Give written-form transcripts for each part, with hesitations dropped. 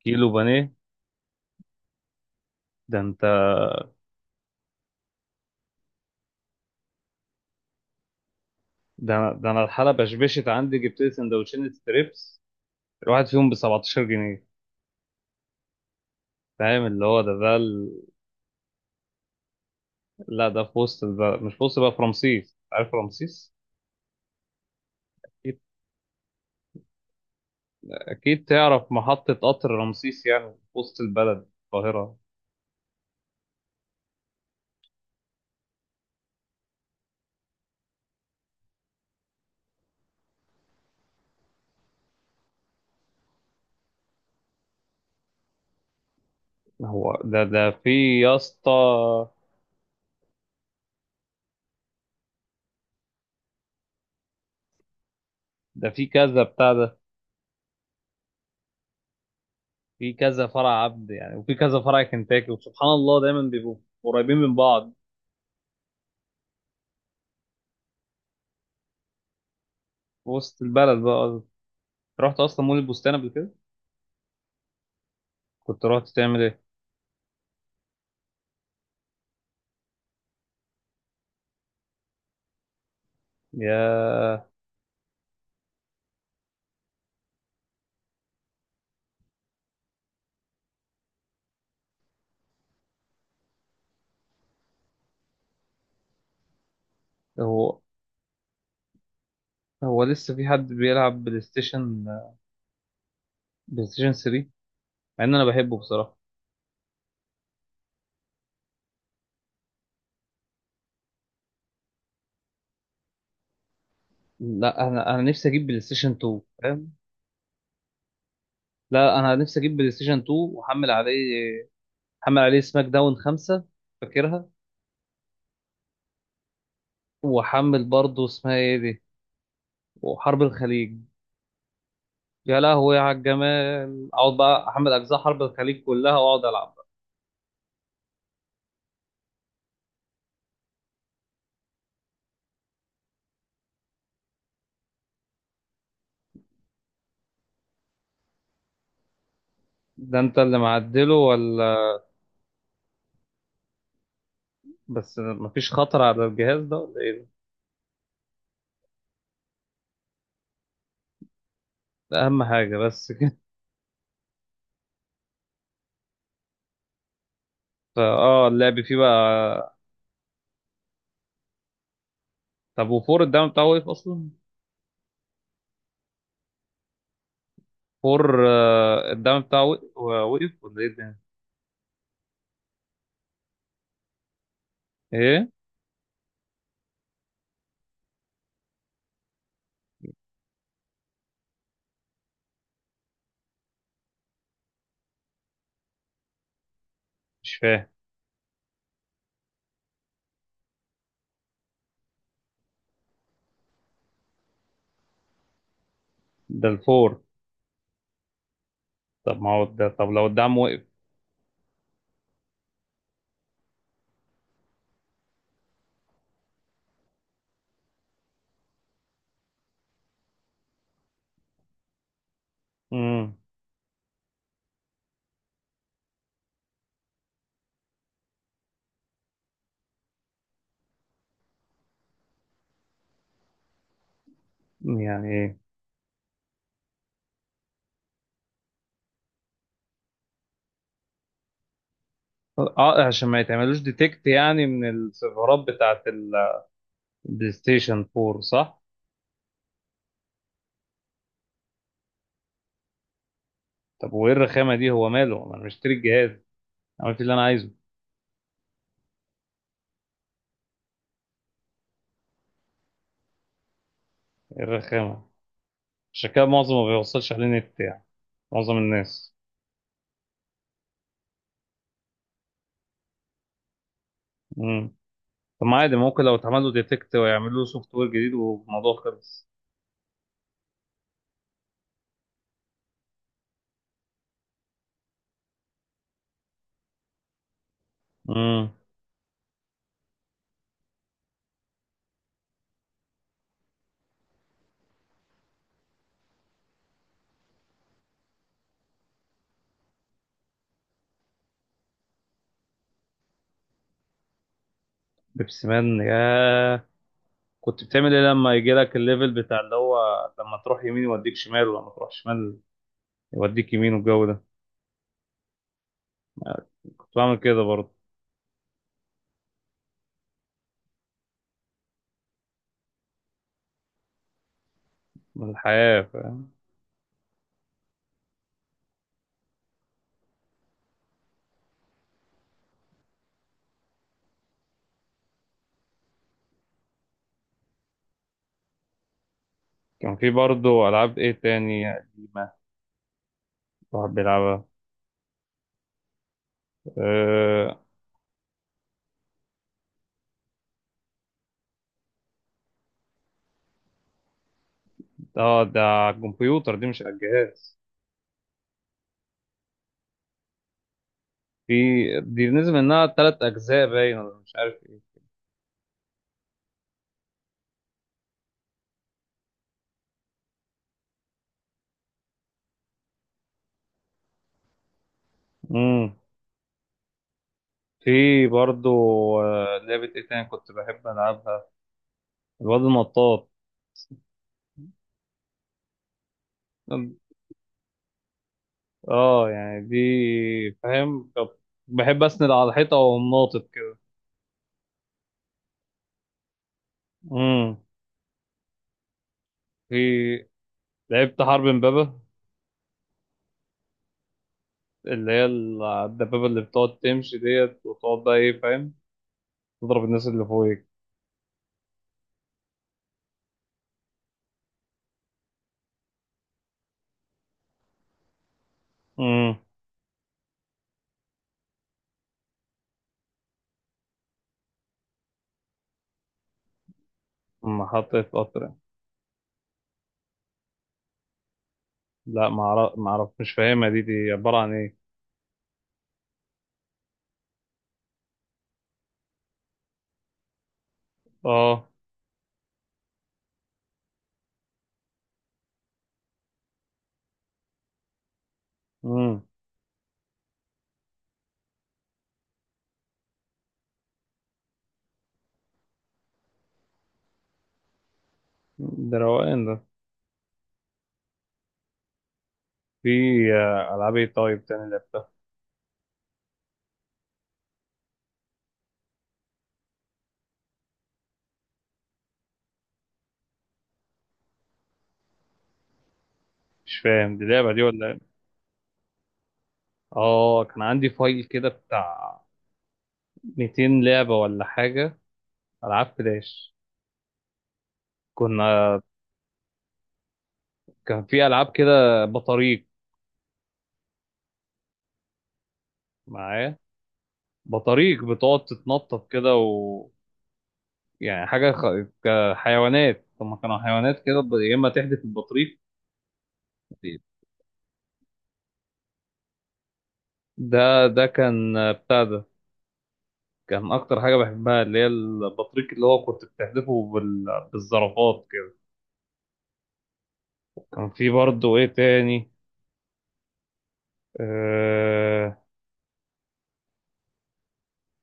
كيلو بانيه. ده انت. ده انا الحاله بشبشت عندي، جبت لي سندوتشين ستريبس. الواحد فيهم ب 17 جنيه. فاهم اللي هو. لا ده في وسط البلد، مش في وسط بقى، في رمسيس. عارف رمسيس؟ اكيد. اكيد تعرف محطه قطر رمسيس يعني في وسط البلد القاهره. هو ده في يا اسطى. ده في كذا بتاع ده. في كذا فرع عبد يعني، وفي كذا فرع كنتاكي، وسبحان الله دايما بيبقوا قريبين من بعض. في وسط البلد بقى. رحت اصلا مول البستان قبل كده. كنت رحت تعمل ايه؟ يا. هو هو لسه في حد بيلعب بلاي ستيشن؟ بلاي ستيشن 3. مع ان انا بحبه بصراحه. لا انا نفسي اجيب بلاي ستيشن 2، فاهم. لا انا نفسي اجيب بلاي ستيشن 2. واحمل عليه. احمل عليه سماك داون 5، فاكرها. واحمل برضه اسمها ايه دي. وحرب الخليج. يا لهوي على الجمال. اقعد بقى احمل اجزاء حرب الخليج كلها واقعد العب. ده انت اللي معدله، ولا؟ بس مفيش خطر على الجهاز ده، ولا ايه؟ ده اهم حاجه بس اه، اللعب فيه بقى. طب وفور الدعم بتاعه وقف اصلا؟ فور الدعم بتاعه وقف ولا ايه ده؟ ايه؟ مش فاهم. ده الفور. طب ما هو ده، طب لو الدعم وقف. امم. يعني ايه؟ اه، عشان ما يتعملوش ديتكت يعني من السيرفرات بتاعت البلاي ستيشن 4، صح؟ طب وايه الرخامه دي، هو ماله، ما انا مشتري الجهاز، عملت اللي انا عايزه. ايه الرخامه؟ عشان كده معظم ما بيوصلش عليه نت يعني، معظم الناس. طب ما عادي، ممكن لو اتعمل له ديتكت ويعملوا له سوفت وير جديد والموضوع خلص. امم. بيبسي مان يا. كنت بتعمل ايه لما يجي لك الليفل بتاع اللي هو لما تروح يمين يوديك شمال، ولما تروح شمال يوديك يمين، والجو ده؟ كنت بعمل كده برضه. من الحياة، فاهم. كان في برضه ألعاب ايه تاني قديمة الواحد بيلعبها؟ اه. ده على الكمبيوتر دي، مش على الجهاز. في دي نزل منها 3 أجزاء باين، ولا مش عارف ايه. مم. في برضو لعبة ايه تاني كنت بحب ألعبها؟ الواد النطاط. اه، يعني دي فاهم طب. بحب أسند على الحيطة وأقوم ناطط كده. امم. في لعبت حرب امبابة، اللي هي الدبابة اللي بتقعد تمشي ديت، وتقعد بقى ايه فاهم تضرب الناس اللي فوقك. امم. محطة قطر. لا ما اعرف، ما اعرف، مش فاهمها دي، دي عبارة عن ايه؟ اه. امم. ده روقان ده. في ألعاب ايه طيب تاني لعبتها؟ مش فاهم، دي لعبة دي ولا إيه؟ اه، كان عندي فايل كده بتاع 200 لعبة ولا حاجة، ألعاب فلاش كنا. كان في ألعاب كده بطاريق معايا، بطاريق بتقعد تتنطط كده، و يعني كحيوانات. هما كانوا حيوانات كده، يا إما تحدف البطريق. ده كان بتاع ده. كان أكتر حاجة بحبها اللي هي البطريق اللي هو كنت بتحدفه بالزرافات كده. كان في برضه إيه تاني؟ آه،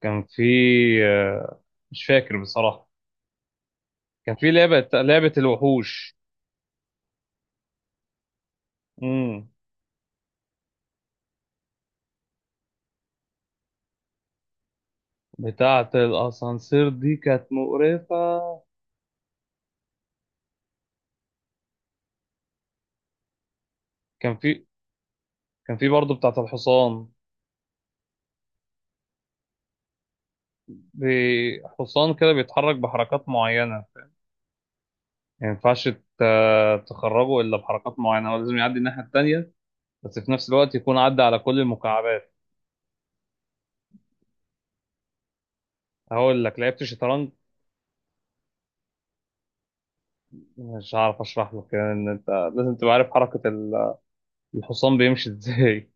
كان في آه، مش فاكر بصراحة. كان في لعبة الوحوش. امم. بتاعة الأسانسير دي كانت مقرفة. كان في. كان في برضه بتاعة الحصان. حصان كده بيتحرك بحركات معينة. ما ينفعش تخرجه إلا بحركات معينة، هو لازم يعدي الناحية التانية، بس في نفس الوقت يكون عدى على كل المكعبات. هقول لك لعبت شطرنج. مش عارف أشرح لك يعني إن أنت لازم تبقى عارف حركة الحصان بيمشي إزاي.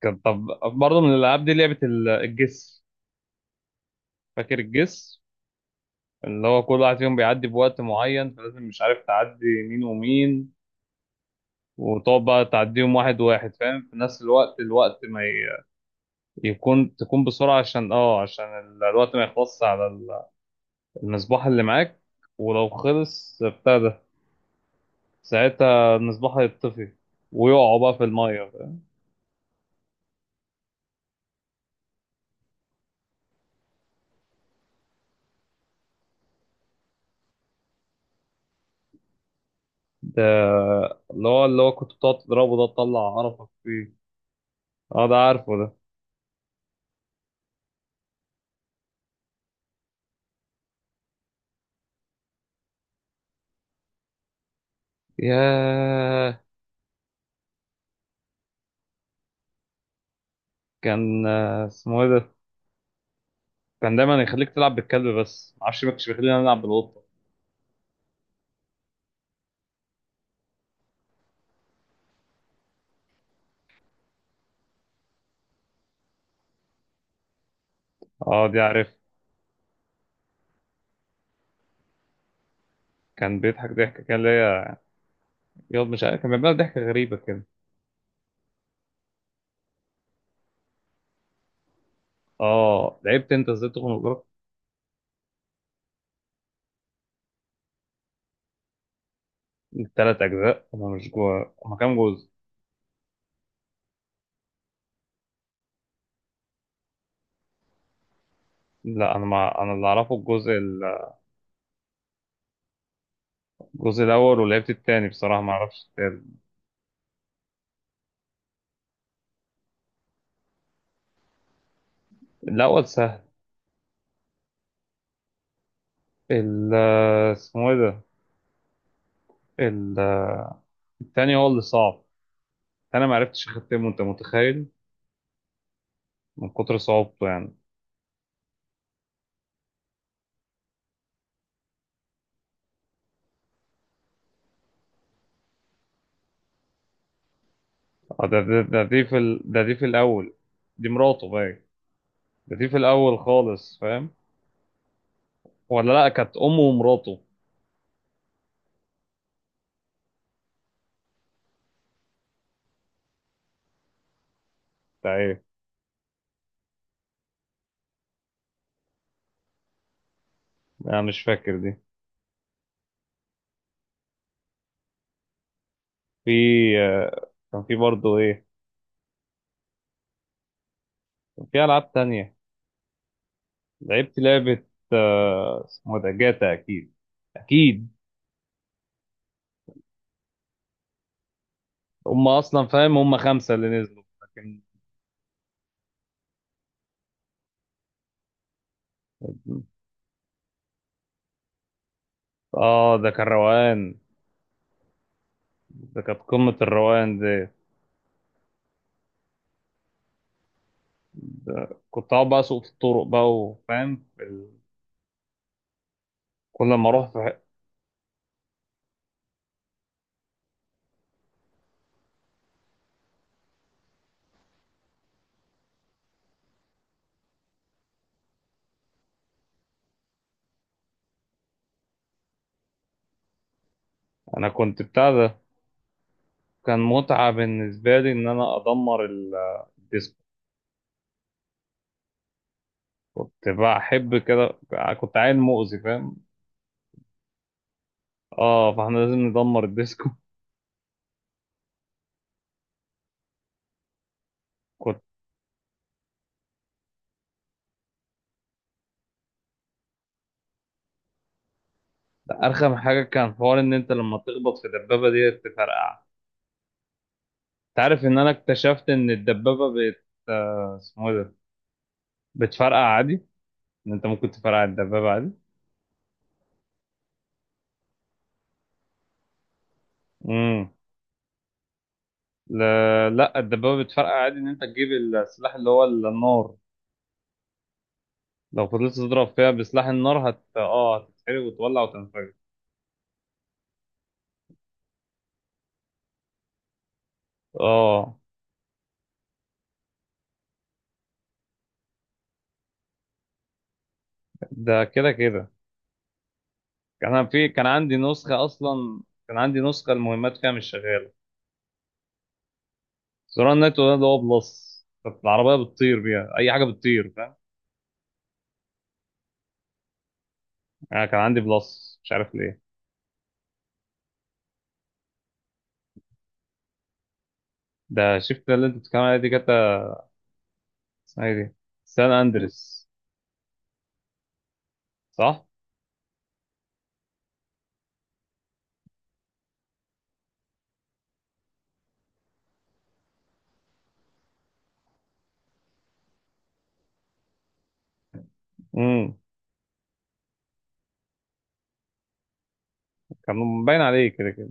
كان طب برضه من الألعاب دي لعبة الجس، فاكر الجس؟ اللي هو كل واحد فيهم بيعدي بوقت معين فلازم مش عارف تعدي مين ومين، وتقعد بقى تعديهم واحد واحد، فاهم، في نفس الوقت ما ي- يكون تكون بسرعة عشان الوقت ما يخلصش على المصباح اللي معاك، ولو خلص بتاع ده، ساعتها المصباح هيطفي، ويقعوا بقى في المية، فاهم؟ ده اللي هو كنت بتقعد تضربه ده تطلع قرفك فيه. اه ده عارفه ده. ياه. كان اسمه ايه ده؟ كان دايما يخليك تلعب بالكلب، بس معرفش ما كانش بيخليني العب بالقطه. اه دي عارف. كان بيضحك ضحكه كان ليا، ياض، مش عارف كان بيعمل ضحكه غريبه كده. اه لعبت انت ازاي تخنق جارك. التلات اجزاء انا مش جوا، هما كام جزء؟ لا انا، ما انا اللي اعرفه الجزء الجزء الاول، ولعبت التاني بصراحه، ما اعرفش التالت. الاول سهل. ال اسمه ايه ده، ال- التاني هو اللي صعب. انا ما عرفتش اختمه، انت متخيل؟ من كتر صعوبته يعني. اه، ده ده ده دي في ال... ده دي في الاول، دي مراته باين. دي في الاول خالص فاهم. ولا لا كانت امه ومراته. بتاع ايه؟ انا مش فاكر دي. في كان في برضه ايه؟ كان في العاب تانية، لعبت لعبة، اسمه إيه ده، جاتا اكيد. اكيد هم اصلا فاهم هم خمسة اللي نزلوا، لكن. اه ده كان روقان. ده كانت قمة الروقان دي. ده كنت اقعد بقى اسوق في الطرق بقى، وفاهم كل ما اروح انا كنت بتاع ده. كان متعة بالنسبة لي إن أنا أدمر الديسكو. كنت بحب كده. كنت عيل مؤذي، فاهم. اه، فاحنا لازم ندمر الديسكو. كنت أرخم حاجة كان حوار إن أنت لما تخبط في الدبابة دي تفرقع. أنت عارف إن أنا اكتشفت إن الدبابة، بت آه، اسمه إيه ده، بتفرقع عادي، إن أنت ممكن تفرقع الدبابة عادي. امم. لا لا، الدبابة بتفرقع عادي إن أنت تجيب السلاح اللي هو النار. لو فضلت تضرب فيها بسلاح النار، هت اه هتتحرق وتولع وتنفجر. اه ده كده كده. كان عندي نسخة أصلا، كان عندي نسخة المهمات فيها مش شغالة. زرار النت ده اللي هو بلس، كانت العربية بتطير بيها، أي حاجة بتطير، فاهم. أنا كان عندي بلس، مش عارف ليه. ده شفت اللي أنت بتتكلم عليها دي كانت اسمها إيه دي، سان أندريس، صح؟ امم. كان باين عليه كده كده.